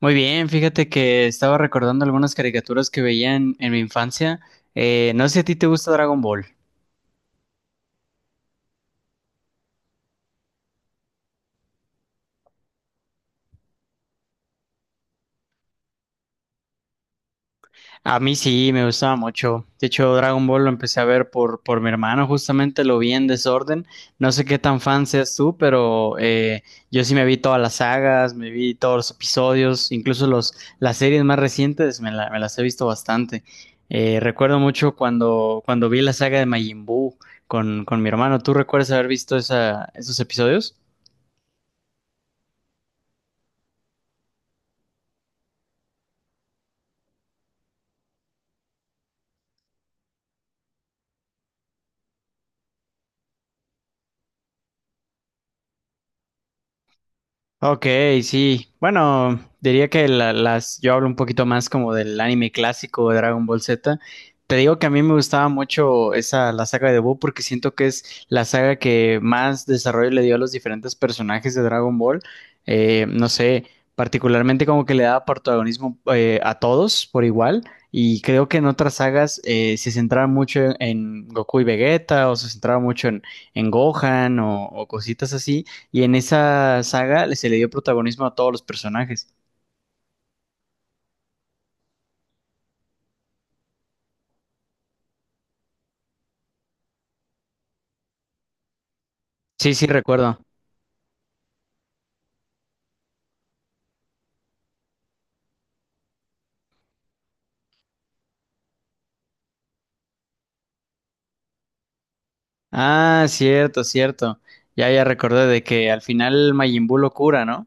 Muy bien, fíjate que estaba recordando algunas caricaturas que veía en mi infancia. No sé si a ti te gusta Dragon Ball. A mí sí, me gustaba mucho. De hecho, Dragon Ball lo empecé a ver por mi hermano, justamente lo vi en desorden. No sé qué tan fan seas tú, pero yo sí me vi todas las sagas, me vi todos los episodios, incluso las series más recientes, me las he visto bastante. Recuerdo mucho cuando vi la saga de Majin Buu con mi hermano. ¿Tú recuerdas haber visto esa, esos episodios? Ok, sí. Bueno, diría que yo hablo un poquito más como del anime clásico de Dragon Ball Z. Te digo que a mí me gustaba mucho esa, la saga de Buu porque siento que es la saga que más desarrollo le dio a los diferentes personajes de Dragon Ball. No sé, particularmente como que le daba protagonismo a todos por igual. Y creo que en otras sagas se centraba mucho en Goku y Vegeta, o se centraba mucho en Gohan o cositas así. Y en esa saga se le dio protagonismo a todos los personajes. Sí, sí, recuerdo. Ah, cierto, cierto. Ya, ya recordé de que al final Majin Buu lo cura, ¿no?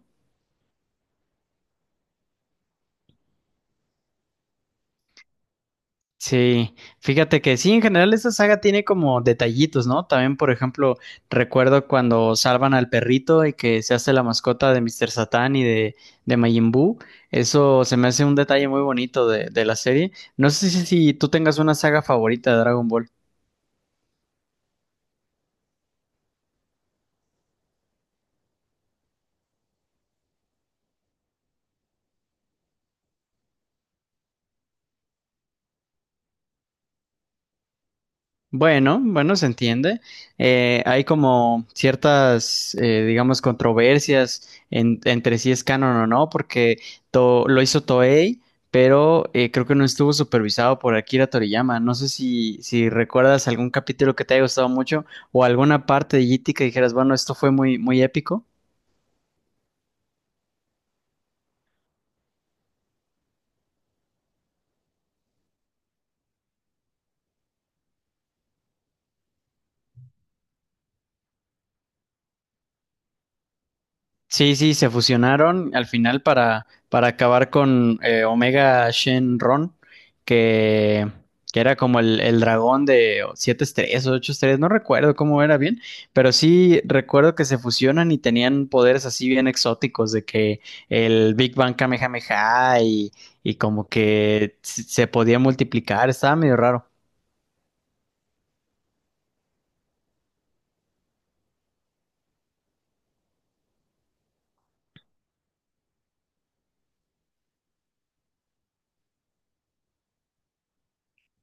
Sí, fíjate que sí, en general esta saga tiene como detallitos, ¿no? También, por ejemplo, recuerdo cuando salvan al perrito y que se hace la mascota de Mr. Satan y de Majin Buu. Eso se me hace un detalle muy bonito de la serie. No sé si tú tengas una saga favorita de Dragon Ball. Bueno, bueno, se entiende. Hay como ciertas, digamos, controversias entre si es canon o no, porque lo hizo Toei, pero creo que no estuvo supervisado por Akira Toriyama. No sé si recuerdas algún capítulo que te haya gustado mucho o alguna parte de GT que dijeras, bueno, esto fue muy, muy épico. Sí, sí, se fusionaron al final para acabar con Omega Shenron, que, que era como el dragón de siete estrellas o ocho estrellas, no recuerdo cómo era bien, pero sí recuerdo que se fusionan y tenían poderes así bien exóticos, de que el Big Bang Kamehameha y como que se podía multiplicar, estaba medio raro.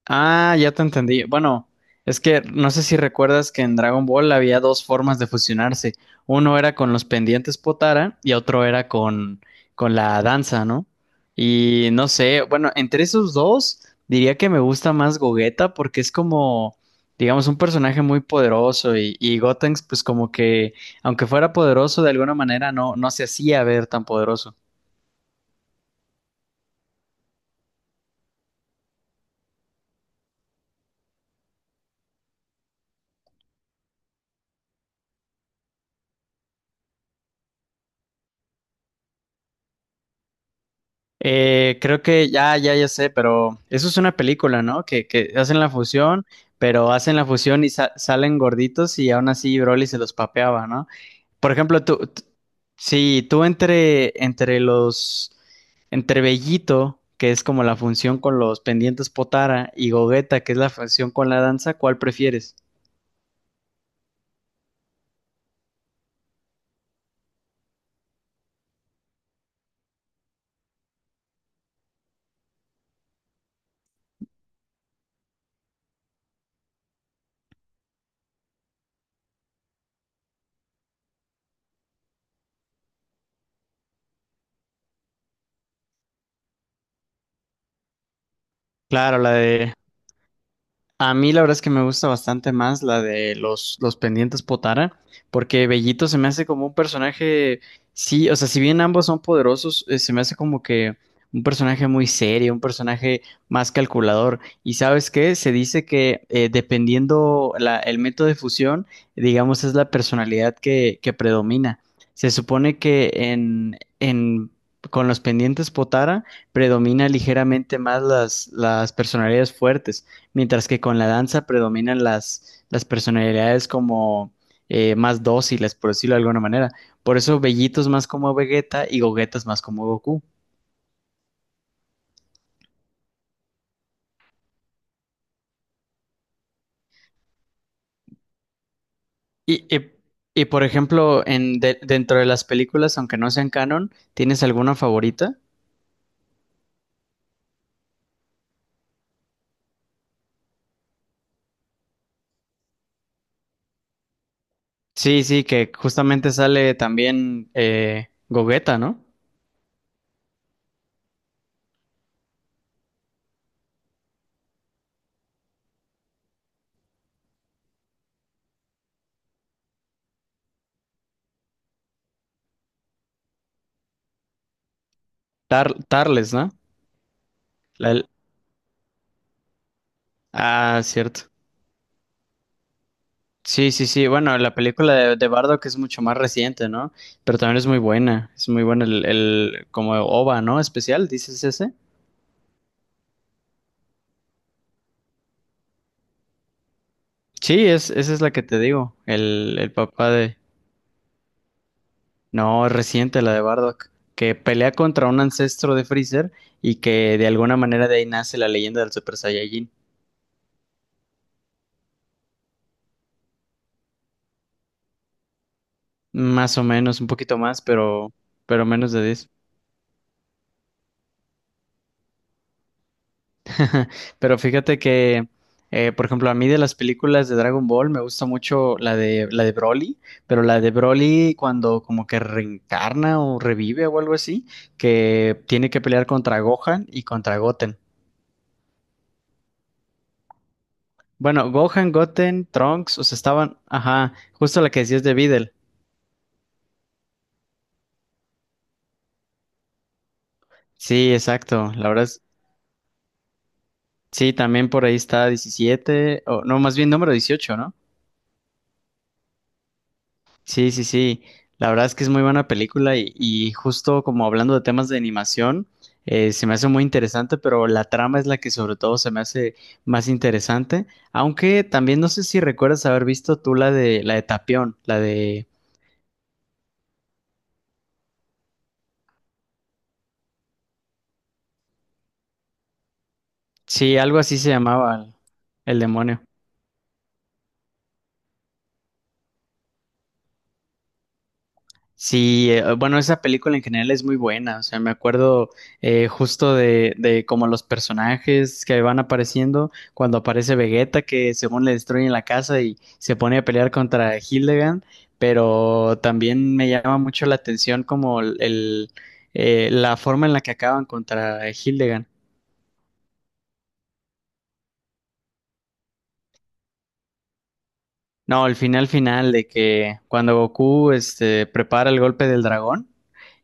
Ah, ya te entendí. Bueno, es que no sé si recuerdas que en Dragon Ball había dos formas de fusionarse. Uno era con los pendientes Potara y otro era con la danza, ¿no? Y no sé, bueno, entre esos dos diría que me gusta más Gogeta porque es como, digamos, un personaje muy poderoso, y Gotenks pues como que, aunque fuera poderoso de alguna manera, no se hacía ver tan poderoso. Creo que ya sé, pero eso es una película, ¿no? Que hacen la fusión, pero hacen la fusión y salen gorditos y aún así Broly se los papeaba, ¿no? Por ejemplo, tú, t- si tú entre, entre entre Bellito, que es como la función con los pendientes Potara, y Gogeta, que es la función con la danza, ¿cuál prefieres? Claro, la de A mí la verdad es que me gusta bastante más la de los pendientes Potara, porque Bellito se me hace como un personaje, sí, o sea, si bien ambos son poderosos, se me hace como que un personaje muy serio, un personaje más calculador. Y ¿sabes qué? Se dice que dependiendo el método de fusión, digamos, es la personalidad que predomina. Se supone que con los pendientes Potara predomina ligeramente más las personalidades fuertes, mientras que con la danza predominan las personalidades como más dóciles, por decirlo de alguna manera. Por eso Bellito es más como Vegeta y Gogeta es más como Goku. Y, y- por ejemplo, en, dentro de las películas, aunque no sean canon, ¿tienes alguna favorita? Sí, sí, que justamente sale también Gogeta, ¿no? Tarles, ¿no? La- ah, cierto. Sí, sí, sí. Bueno, la película de Bardock es mucho más reciente, ¿no? Pero también es muy buena. Es muy buena el como OVA, ¿no? Especial, ¿dices ese? Sí, es, esa es la que te digo. El papá de... No, es reciente la de Bardock. Que pelea contra un ancestro de Freezer y que de alguna manera de ahí nace la leyenda del Super Saiyajin. Más o menos, un poquito más, pero menos de 10. Pero fíjate que, por ejemplo, a mí de las películas de Dragon Ball me gusta mucho la de Broly, pero la de Broly cuando como que reencarna o revive o algo así, que tiene que pelear contra Gohan y contra Goten. Bueno, Gohan, Goten, Trunks, o sea, estaban, ajá, justo la que decías de Videl. Sí, exacto. Sí, también por ahí está 17 o no, más bien número 18, ¿no? Sí, sí, sí. La verdad es que es muy buena película, y justo como hablando de temas de animación, se me hace muy interesante, pero la trama es la que sobre todo se me hace más interesante. Aunque también no sé si recuerdas haber visto tú la de Tapión, la de... Sí, algo así se llamaba el demonio. Sí, bueno, esa película en general es muy buena, o sea, me acuerdo justo de como los personajes que van apareciendo, cuando aparece Vegeta que según le destruyen la casa y se pone a pelear contra Hildegard, pero también me llama mucho la atención como la forma en la que acaban contra Hildegard. No, el final final de que cuando Goku este, prepara el golpe del dragón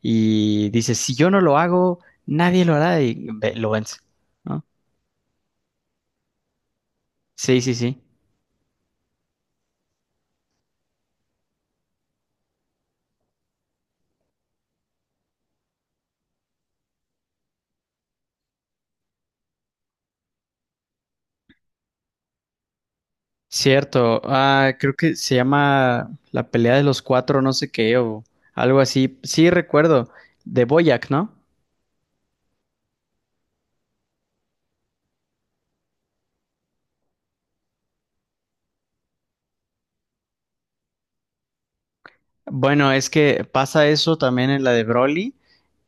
y dice, si yo no lo hago, nadie lo hará, y lo vence, ¿no? Sí, sí, sí. Cierto. Ah, creo que se llama la pelea de los cuatro, no sé qué, o algo así. Sí, recuerdo, de Boyac, ¿no? Bueno, es que pasa eso también en la de Broly,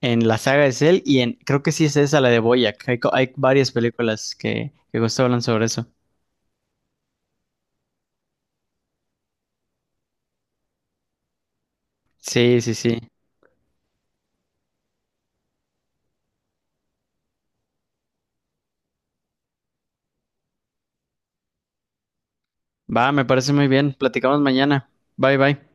en la saga de Cell, y en, creo que sí es esa la de Boyac. Hay, hay varias películas que justo hablan sobre eso. Sí, sí, sí. Va, me parece muy bien. Platicamos mañana. Bye, bye.